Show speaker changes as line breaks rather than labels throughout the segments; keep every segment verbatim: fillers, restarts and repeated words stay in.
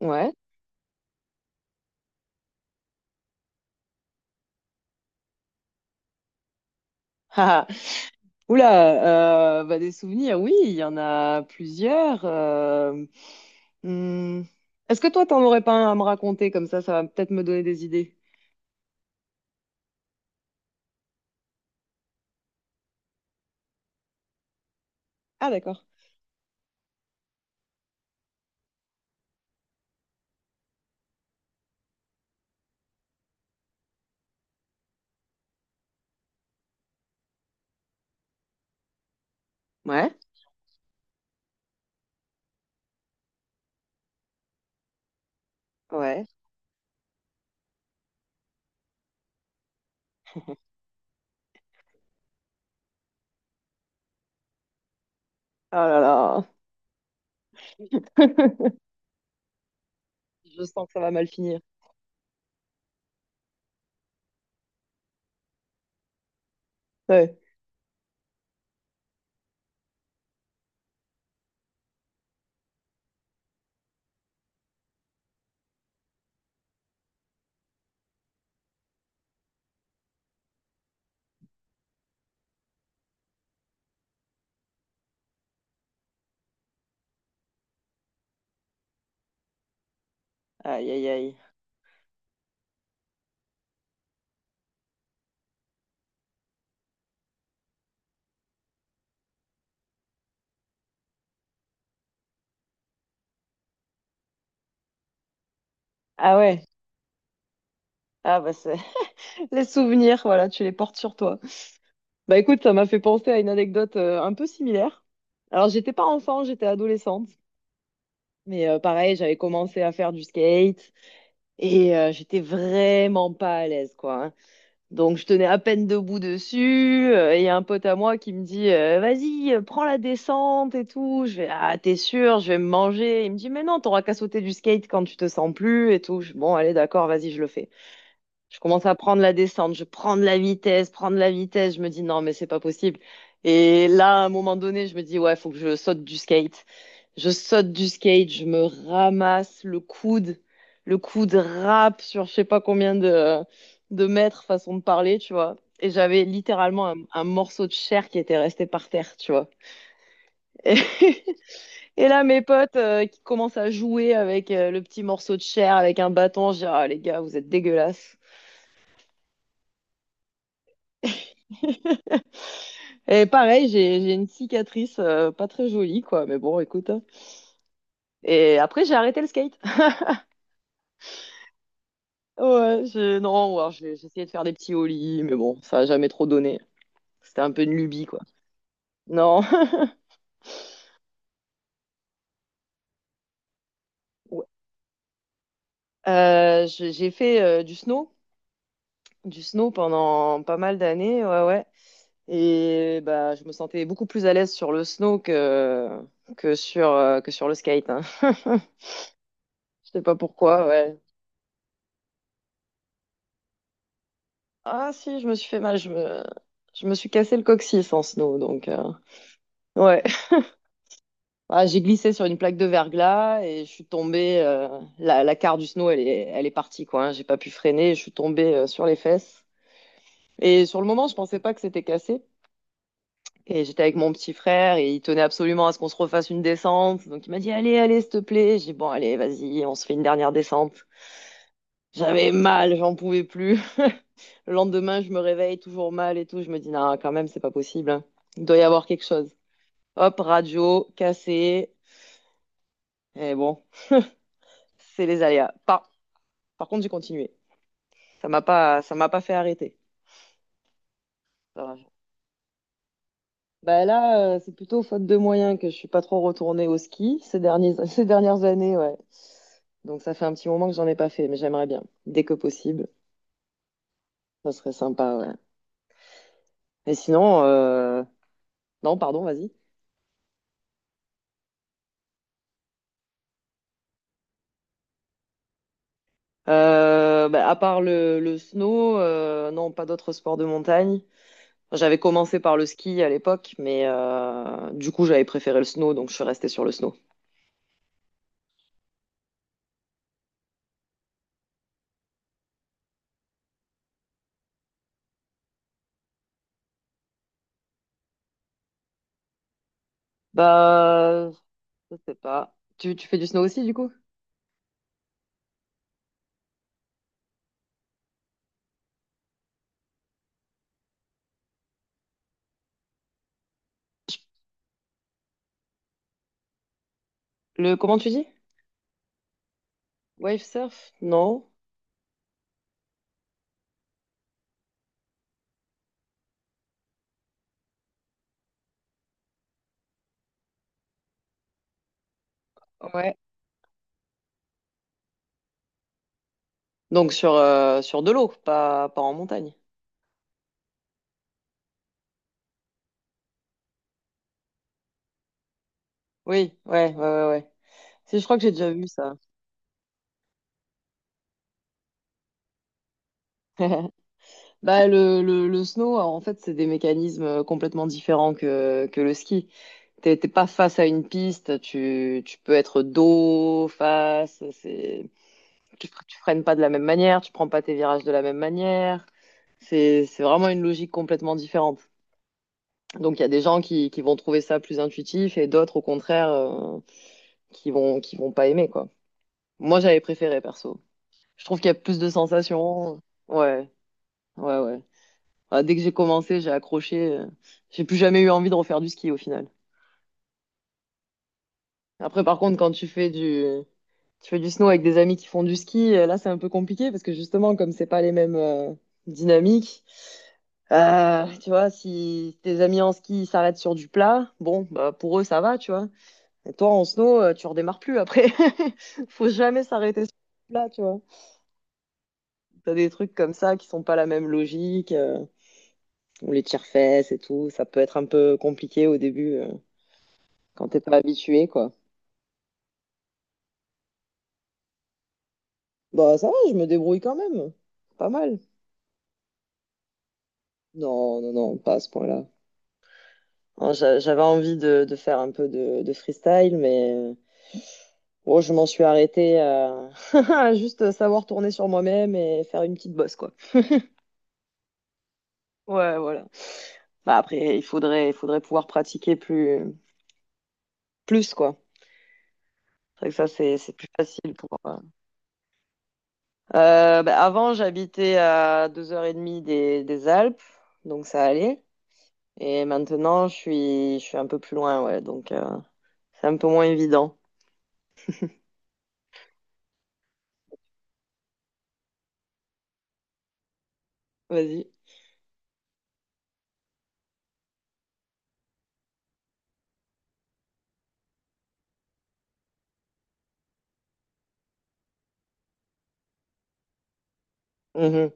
Ouais. Oula, euh, bah, des souvenirs, oui, il y en a plusieurs. euh, hmm. Est-ce que toi, t'en aurais pas un à me raconter comme ça, ça va peut-être me donner des idées. Ah, d'accord. Ouais, ouais. Oh là là, je sens que ça va mal finir. Ouais. Aïe, aïe, aïe. Ah ouais. Ah bah c'est les souvenirs, voilà, tu les portes sur toi. Bah écoute, ça m'a fait penser à une anecdote euh, un peu similaire. Alors j'étais pas enfant, j'étais adolescente, mais euh, pareil, j'avais commencé à faire du skate. Et euh, j'étais vraiment pas à l'aise, quoi, hein. Donc je tenais à peine debout dessus. Euh, et il y a un pote à moi qui me dit, euh, vas-y, euh, prends la descente et tout. Je vais, ah, t'es sûr, je vais me manger. Il me dit, mais non, t'auras qu'à sauter du skate quand tu te sens plus et tout. Je, bon, allez, d'accord, vas-y, je le fais. Je commence à prendre la descente, je prends de la vitesse, prends de la vitesse. Je me dis non, mais c'est pas possible. Et là, à un moment donné, je me dis ouais, faut que je saute du skate. Je saute du skate, je me ramasse le coude, le coude rap sur je sais pas combien de, de mètres, façon de parler, tu vois. Et j'avais littéralement un, un morceau de chair qui était resté par terre, tu vois. Et, et là, mes potes euh, qui commencent à jouer avec euh, le petit morceau de chair, avec un bâton, je dis, ah les gars, vous êtes dégueulasses. Et pareil, j'ai j'ai une cicatrice euh, pas très jolie, quoi. Mais bon, écoute, hein. Et après, j'ai arrêté le skate. Ouais, je... non, ou alors j'ai j'ai essayé de faire des petits ollies, mais bon, ça a jamais trop donné. C'était un peu une lubie, quoi. Non. Ouais. Euh, j'ai j'ai fait euh, du snow, du snow pendant pas mal d'années, ouais, ouais. Et bah, je me sentais beaucoup plus à l'aise sur le snow que que sur euh, que sur le skate, hein. Je sais pas pourquoi, ouais. Ah si, je me suis fait mal, je me je me suis cassé le coccyx en snow, donc. euh, Ouais. Ah, j'ai glissé sur une plaque de verglas et je suis tombée. euh, la, la carre du snow, elle est, elle est partie, quoi, hein. J'ai pas pu freiner. Je suis tombée euh, sur les fesses. Et sur le moment, je pensais pas que c'était cassé. Et j'étais avec mon petit frère et il tenait absolument à ce qu'on se refasse une descente. Donc il m'a dit, allez, allez, s'il te plaît. J'ai dit, bon, allez, vas-y, on se fait une dernière descente. J'avais mal, j'en pouvais plus. Le lendemain, je me réveille toujours mal et tout. Je me dis, non, quand même, c'est pas possible, hein. Il doit y avoir quelque chose. Hop, radio, cassé. Et bon, c'est les aléas. Par, Par contre, j'ai continué. Ça m'a pas, ça m'a pas fait arrêter. Ça va. Bah là, euh, c'est plutôt faute de moyens que je suis pas trop retournée au ski ces derniers, ces dernières années, ouais. Donc ça fait un petit moment que j'en ai pas fait, mais j'aimerais bien. Dès que possible, ça serait sympa, ouais. Et sinon, euh, non, pardon, vas-y. Euh, bah, à part le, le snow, euh, non, pas d'autres sports de montagne. J'avais commencé par le ski à l'époque, mais euh, du coup, j'avais préféré le snow, donc je suis restée sur le snow. Bah, je sais pas. Tu, tu fais du snow aussi, du coup? Le, comment tu dis? Wave surf? Non. Ouais. Donc sur, euh, sur de l'eau, pas, pas en montagne. Oui, ouais, ouais, ouais, ouais. Si, je crois que j'ai déjà vu ça. Bah, le, le, le snow, en fait, c'est des mécanismes complètement différents que, que le ski. T'es t'es pas face à une piste, tu, tu peux être dos, face, c'est, tu, fre- tu freines pas de la même manière, tu prends pas tes virages de la même manière. C'est, c'est vraiment une logique complètement différente. Donc il y a des gens qui, qui vont trouver ça plus intuitif et d'autres au contraire euh, qui vont qui vont pas aimer quoi. Moi j'avais préféré perso. Je trouve qu'il y a plus de sensations. Ouais, ouais, ouais. Ah, dès que j'ai commencé, j'ai accroché. euh, J'ai plus jamais eu envie de refaire du ski au final. Après par contre quand tu fais du tu fais du snow avec des amis qui font du ski, euh, là c'est un peu compliqué parce que justement comme c'est pas les mêmes euh, dynamiques. Euh, tu vois, si tes amis en ski ils s'arrêtent sur du plat, bon, bah pour eux ça va, tu vois. Et toi, en snow, euh, tu redémarres plus après. Faut jamais s'arrêter sur là, tu vois. T'as des trucs comme ça qui sont pas la même logique, euh, ou les tire-fesses et tout. Ça peut être un peu compliqué au début euh, quand t'es pas habitué, quoi. Bah, ça va, je me débrouille quand même. Pas mal. Non, non, non, pas à ce point-là. Hein, j'a- j'avais envie de, de faire un peu de, de freestyle, mais euh, bon, je m'en suis arrêtée à à juste savoir tourner sur moi-même et faire une petite bosse, quoi. Ouais, voilà. Bah, après, il faudrait, il faudrait pouvoir pratiquer plus, plus quoi. C'est vrai que ça, c'est, c'est plus facile pour. euh. Euh, bah, avant, j'habitais à deux heures trente des, des Alpes, donc ça allait. Et maintenant, je suis, je suis un peu plus loin, ouais, donc euh, c'est un peu moins évident. Vas-y. Mhm.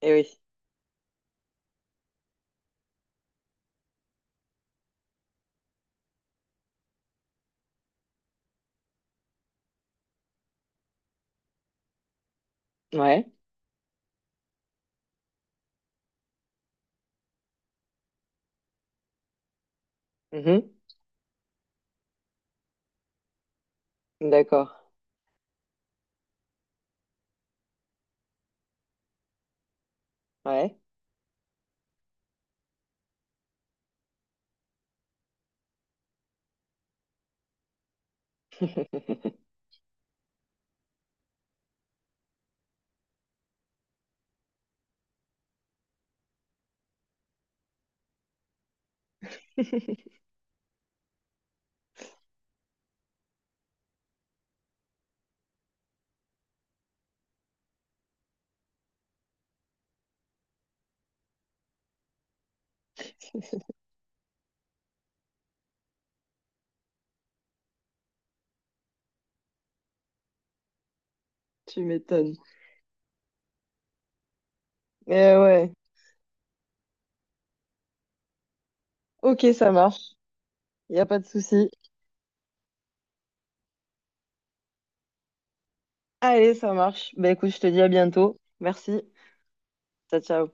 Eh oui. Ouais. Mhm. D'accord. Ouais. Tu m'étonnes. Eh ouais. Ok, ça marche. Il n'y a pas de souci. Allez, ça marche. Bah écoute, je te dis à bientôt. Merci. Ciao, ciao.